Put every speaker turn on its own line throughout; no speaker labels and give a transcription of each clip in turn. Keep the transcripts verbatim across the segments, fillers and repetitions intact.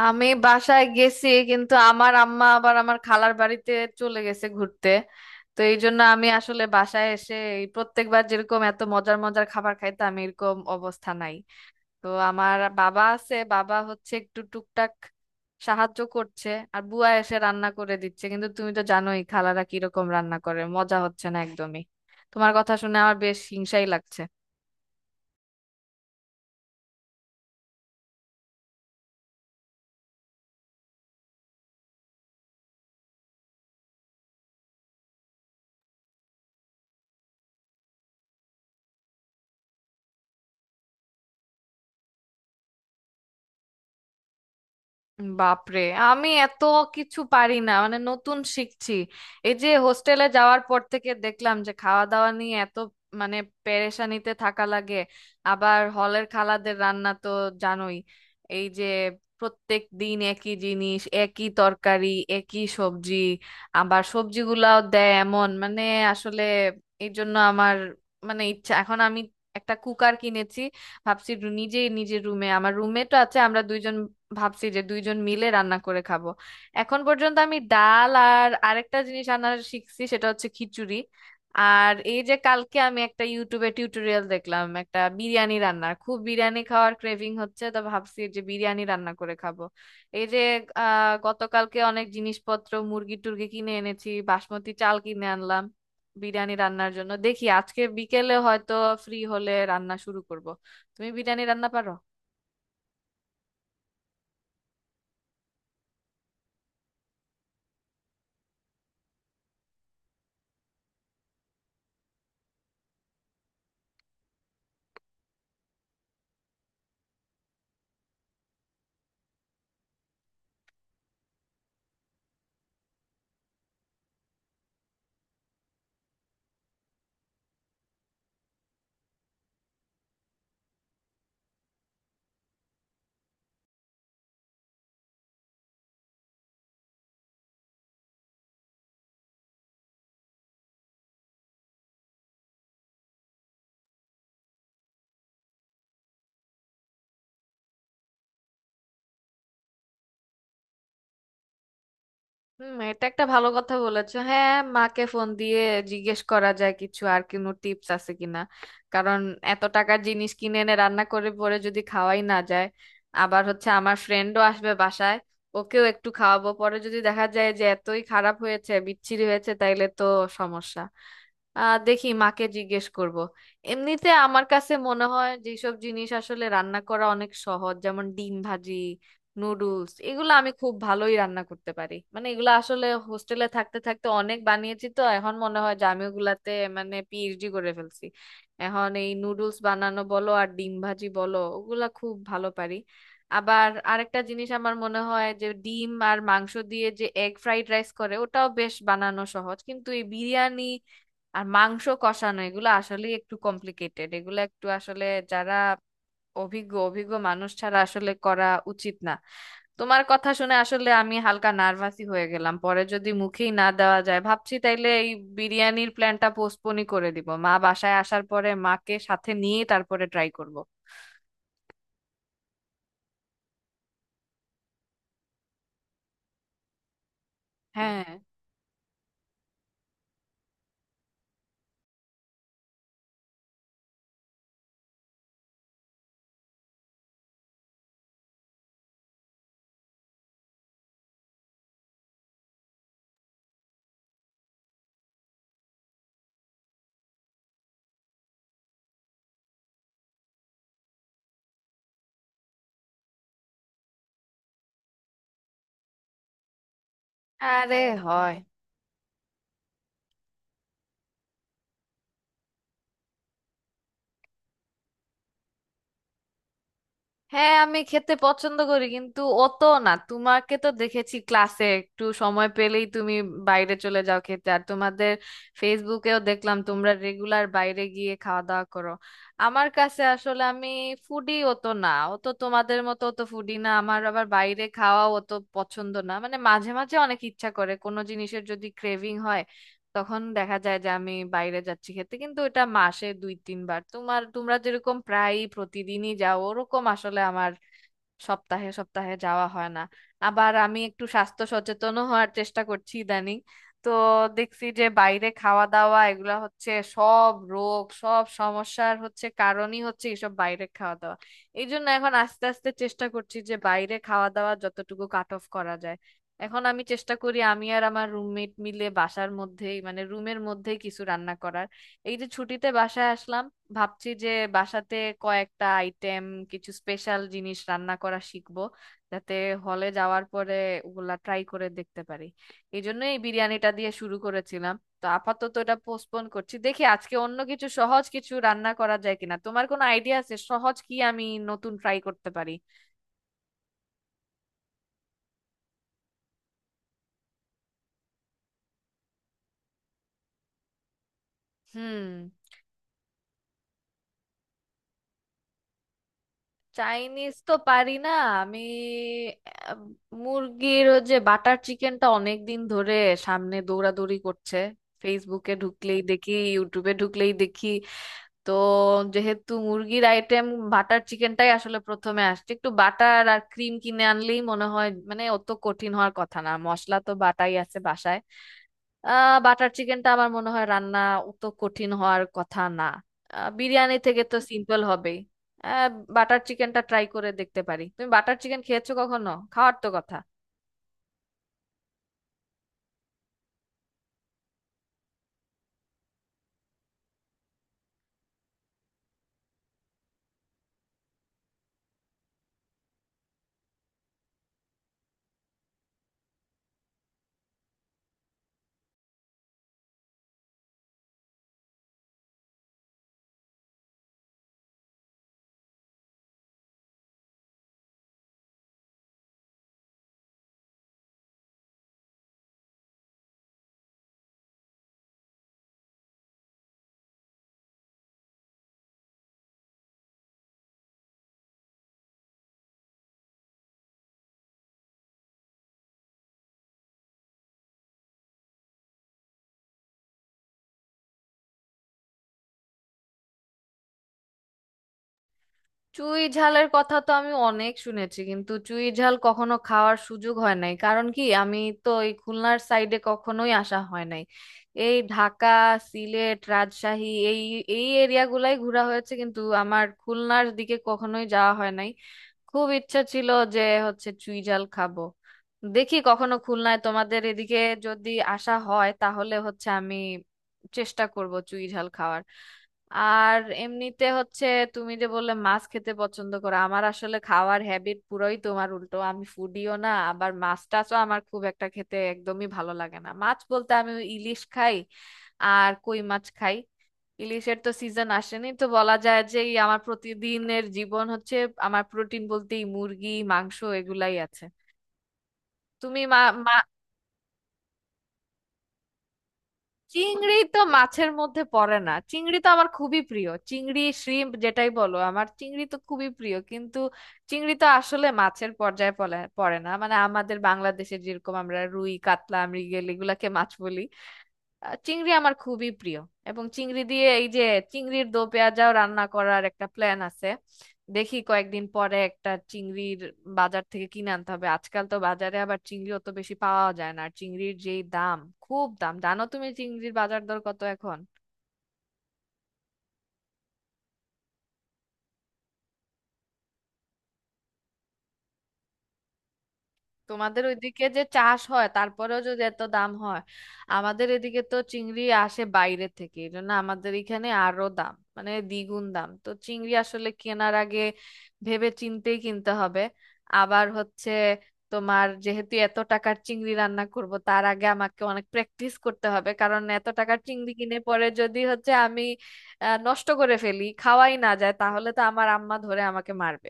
আমি বাসায় গেছি কিন্তু আমার আম্মা আবার আমার খালার বাড়িতে চলে গেছে ঘুরতে। তো এই জন্য আমি আসলে বাসায় এসে এই প্রত্যেকবার যেরকম এত মজার মজার খাবার খাইতাম এরকম অবস্থা নাই। তো আমার বাবা আছে, বাবা হচ্ছে একটু টুকটাক সাহায্য করছে। আর বুয়া এসে রান্না করে দিচ্ছে, কিন্তু তুমি তো জানোই খালারা কিরকম রান্না করে, মজা হচ্ছে না একদমই। তোমার কথা শুনে আমার বেশ হিংসাই লাগছে। বাপরে, আমি এত কিছু পারি না, মানে নতুন শিখছি। এই যে হোস্টেলে যাওয়ার পর থেকে দেখলাম যে খাওয়া দাওয়া নিয়ে এত মানে পেরেশানিতে থাকা লাগে। আবার হলের খালাদের রান্না তো জানোই, এই যে প্রত্যেক দিন একই জিনিস, একই তরকারি, একই সবজি, আবার সবজিগুলাও দেয় এমন, মানে আসলে এই জন্য আমার মানে ইচ্ছা এখন আমি একটা কুকার কিনেছি। ভাবছি রু- নিজেই নিজের রুমে, আমার রুমমেটও আছে, আমরা দুইজন, ভাবছি যে দুইজন মিলে রান্না করে খাবো। এখন পর্যন্ত আমি ডাল আর আরেকটা জিনিস রান্না শিখছি, সেটা হচ্ছে খিচুড়ি। আর এই যে কালকে আমি একটা ইউটিউবে টিউটোরিয়াল দেখলাম একটা বিরিয়ানি রান্নার, খুব বিরিয়ানি খাওয়ার ক্রেভিং হচ্ছে, তো ভাবছি যে বিরিয়ানি রান্না করে খাবো। এই যে আহ গতকালকে অনেক জিনিসপত্র, মুরগি টুরগি কিনে এনেছি, বাসমতি চাল কিনে আনলাম বিরিয়ানি রান্নার জন্য। দেখি আজকে বিকেলে হয়তো ফ্রি হলে রান্না শুরু করব। তুমি বিরিয়ানি রান্না পারো? হুম, এটা একটা ভালো কথা বলেছো, হ্যাঁ। মাকে ফোন দিয়ে জিজ্ঞেস করা যায় কিছু আর কোনো টিপস আছে কিনা, কারণ এত টাকার জিনিস কিনে এনে রান্না করে পরে যদি খাওয়াই না যায়। আবার হচ্ছে আমার ফ্রেন্ডও আসবে বাসায়, ওকেও একটু খাওয়াবো, পরে যদি দেখা যায় যে এতই খারাপ হয়েছে বিচ্ছিরি হয়েছে তাইলে তো সমস্যা। আহ দেখি মাকে জিজ্ঞেস করব। এমনিতে আমার কাছে মনে হয় যেসব জিনিস আসলে রান্না করা অনেক সহজ, যেমন ডিম ভাজি, নুডলস, এগুলো আমি খুব ভালোই রান্না করতে পারি, মানে এগুলো আসলে হোস্টেলে থাকতে থাকতে অনেক বানিয়েছি, তো এখন মনে হয় যে আমি ওগুলাতে মানে পিএইচডি করে ফেলছি। এখন এই নুডলস বানানো বলো আর ডিম ভাজি বলো, ওগুলা খুব ভালো পারি। আবার আরেকটা জিনিস আমার মনে হয় যে ডিম আর মাংস দিয়ে যে এগ ফ্রাইড রাইস করে ওটাও বেশ বানানো সহজ, কিন্তু এই বিরিয়ানি আর মাংস কষানো এগুলো আসলে একটু কমপ্লিকেটেড, এগুলো একটু আসলে যারা অভিজ্ঞ অভিজ্ঞ মানুষ ছাড়া আসলে করা উচিত না। তোমার কথা শুনে আসলে আমি হালকা নার্ভাসই হয়ে গেলাম, পরে যদি মুখেই না দেওয়া যায় ভাবছি তাইলে এই বিরিয়ানির প্ল্যানটা পোস্টপোনই করে দিব, মা বাসায় আসার পরে মাকে সাথে নিয়ে তারপরে ট্রাই করব। হ্যাঁ। আরে হয়। হ্যাঁ আমি খেতে পছন্দ করি কিন্তু অত না। তোমাকে তো দেখেছি ক্লাসে একটু সময় পেলেই তুমি বাইরে চলে যাও খেতে, আর তোমাদের ফেসবুকেও দেখলাম তোমরা রেগুলার বাইরে গিয়ে খাওয়া দাওয়া করো। আমার কাছে আসলে আমি ফুডি অত না, অত তোমাদের মতো অত ফুডি না, আমার আবার বাইরে খাওয়া অত পছন্দ না, মানে মাঝে মাঝে অনেক ইচ্ছা করে কোনো জিনিসের যদি ক্রেভিং হয় তখন দেখা যায় যে আমি বাইরে যাচ্ছি খেতে, কিন্তু এটা মাসে দুই তিনবার, তোমার তোমরা যেরকম প্রায় প্রতিদিনই যাও ওরকম আসলে আমার সপ্তাহে সপ্তাহে যাওয়া হয় না। আবার আমি একটু স্বাস্থ্য সচেতনও হওয়ার চেষ্টা করছি ইদানিং, তো দেখছি যে বাইরে খাওয়া দাওয়া এগুলা হচ্ছে সব রোগ সব সমস্যার হচ্ছে কারণই হচ্ছে এইসব বাইরে খাওয়া দাওয়া। এই জন্য এখন আস্তে আস্তে চেষ্টা করছি যে বাইরে খাওয়া দাওয়া যতটুকু কাট অফ করা যায়। এখন আমি চেষ্টা করি আমি আর আমার রুমমেট মিলে বাসার মধ্যেই মানে রুমের মধ্যেই কিছু রান্না করার। এই যে ছুটিতে বাসায় আসলাম, ভাবছি যে বাসাতে কয়েকটা আইটেম, কিছু স্পেশাল জিনিস রান্না করা শিখবো, যাতে হলে যাওয়ার পরে ওগুলা ট্রাই করে দেখতে পারি। এই জন্য এই বিরিয়ানিটা দিয়ে শুরু করেছিলাম। তো আপাতত এটা পোস্টপোন করছি, দেখি আজকে অন্য কিছু সহজ কিছু রান্না করা যায় কিনা। তোমার কোনো আইডিয়া আছে সহজ কি আমি নতুন ট্রাই করতে পারি? হুম। চাইনিজ তো পারি না। আমি আহ, মুরগির ওই যে বাটার চিকেনটা অনেক দিন ধরে সামনে দৌড়াদৌড়ি করছে, ফেসবুকে ঢুকলেই দেখি ইউটিউবে ঢুকলেই দেখি, তো যেহেতু মুরগির আইটেম, বাটার চিকেনটাই আসলে প্রথমে আসছে। একটু বাটার আর ক্রিম কিনে আনলেই মনে হয় মানে অত কঠিন হওয়ার কথা না, মশলা তো বাটাই আছে বাসায়। আহ বাটার চিকেনটা আমার মনে হয় রান্না অত কঠিন হওয়ার কথা না, আহ, বিরিয়ানি থেকে তো সিম্পল হবেই। আহ বাটার চিকেনটা ট্রাই করে দেখতে পারি। তুমি বাটার চিকেন খেয়েছো কখনো? খাওয়ার তো কথা। চুই ঝালের কথা তো আমি অনেক শুনেছি কিন্তু চুই ঝাল কখনো খাওয়ার সুযোগ হয় নাই, কারণ কি আমি তো এই খুলনার সাইডে কখনোই আসা হয় নাই। এই ঢাকা, সিলেট, রাজশাহী এই এই এরিয়াগুলাই ঘোরা হয়েছে কিন্তু আমার খুলনার দিকে কখনোই যাওয়া হয় নাই। খুব ইচ্ছা ছিল যে হচ্ছে চুই ঝাল খাবো। দেখি কখনো খুলনায় তোমাদের এদিকে যদি আসা হয় তাহলে হচ্ছে আমি চেষ্টা করব চুই ঝাল খাওয়ার। আর এমনিতে হচ্ছে তুমি যে বললে মাছ খেতে পছন্দ করো, আমার আসলে খাওয়ার হ্যাবিট পুরোই তোমার উল্টো, আমি ফুডিও না আবার মাছ টাছও আমার খুব একটা খেতে একদমই ভালো লাগে না। মাছ বলতে আমি ওই ইলিশ খাই আর কই মাছ খাই। ইলিশের তো সিজন আসেনি তো বলা যায় যে এই আমার প্রতিদিনের জীবন হচ্ছে আমার প্রোটিন বলতেই মুরগি মাংস এগুলাই আছে। তুমি মা। চিংড়ি তো মাছের মধ্যে পড়ে না, চিংড়ি তো আমার খুবই প্রিয়, চিংড়ি শ্রিম্প যেটাই বলো আমার চিংড়ি তো খুবই প্রিয়, কিন্তু চিংড়ি তো আসলে মাছের পর্যায়ে পলে- পড়ে না, মানে আমাদের বাংলাদেশে যেরকম আমরা রুই, কাতলা, মৃগেল এগুলাকে মাছ বলি। আহ, চিংড়ি আমার খুবই প্রিয়, এবং চিংড়ি দিয়ে এই যে চিংড়ির দো পেঁয়াজাও রান্না করার একটা প্ল্যান আছে। দেখি কয়েকদিন পরে একটা চিংড়ির, বাজার থেকে কিনে আনতে হবে। আজকাল তো বাজারে আবার চিংড়ি অত বেশি পাওয়া যায় না, আর চিংড়ির যেই দাম, খুব দাম। জানো তুমি চিংড়ির বাজার দর কত এখন? তোমাদের ওইদিকে যে চাষ হয় তারপরেও যদি এত দাম হয়, আমাদের এদিকে তো চিংড়ি আসে বাইরে থেকে, এই জন্য আমাদের এখানে আরো দাম মানে দ্বিগুণ দাম, তো চিংড়ি আসলে কেনার আগে ভেবে চিন্তেই কিনতে হবে। আবার হচ্ছে তোমার যেহেতু, এত টাকার চিংড়ি রান্না করব তার আগে আমাকে অনেক প্র্যাকটিস করতে হবে, কারণ এত টাকার চিংড়ি কিনে পরে যদি হচ্ছে আমি আহ, নষ্ট করে ফেলি খাওয়াই না যায় তাহলে তো আমার আম্মা ধরে আমাকে মারবে।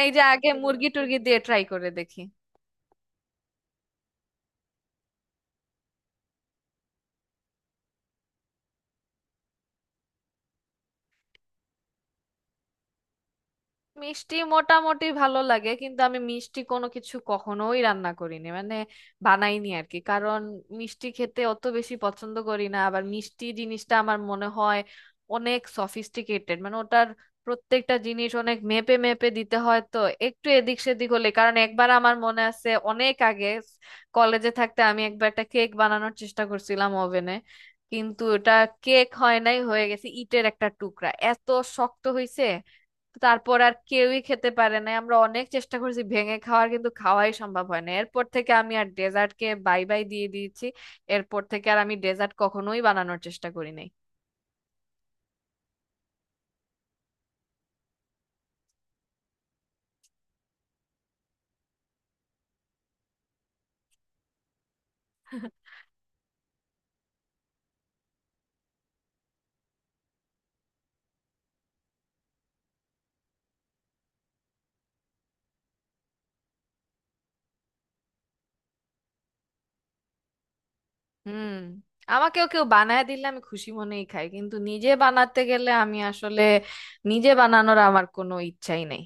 এই যে আগে মুরগি টুরগি দিয়ে ট্রাই করে দেখি। মিষ্টি মোটামুটি ভালো লাগে কিন্তু আমি মিষ্টি কোনো কিছু কখনোই রান্না করিনি, মানে বানাইনি আর কি, কারণ মিষ্টি খেতে অত বেশি পছন্দ করি না। আবার মিষ্টি জিনিসটা আমার মনে হয় অনেক সফিস্টিকেটেড, মানে ওটার প্রত্যেকটা জিনিস অনেক মেপে মেপে দিতে হয়, তো একটু এদিক সেদিক হলে, কারণ একবার আমার মনে আছে অনেক আগে কলেজে থাকতে আমি একবার একটা কেক বানানোর চেষ্টা করছিলাম ওভেনে, কিন্তু ওটা কেক হয় নাই, হয়ে গেছে ইটের একটা টুকরা, এত শক্ত হয়েছে তারপর আর কেউই খেতে পারে না, আমরা অনেক চেষ্টা করেছি ভেঙে খাওয়ার কিন্তু খাওয়াই সম্ভব হয় না। এরপর থেকে আমি আর ডেজার্টকে বাই বাই দিয়ে দিয়েছি, এরপর থেকে আর আমি ডেজার্ট কখনোই বানানোর চেষ্টা করি নাই। হুম, আমাকেও কেউ বানায় দিলে আমি খুশি মনেই খাই, কিন্তু নিজে বানাতে গেলে আমি আসলে, নিজে বানানোর আমার কোনো ইচ্ছাই নেই।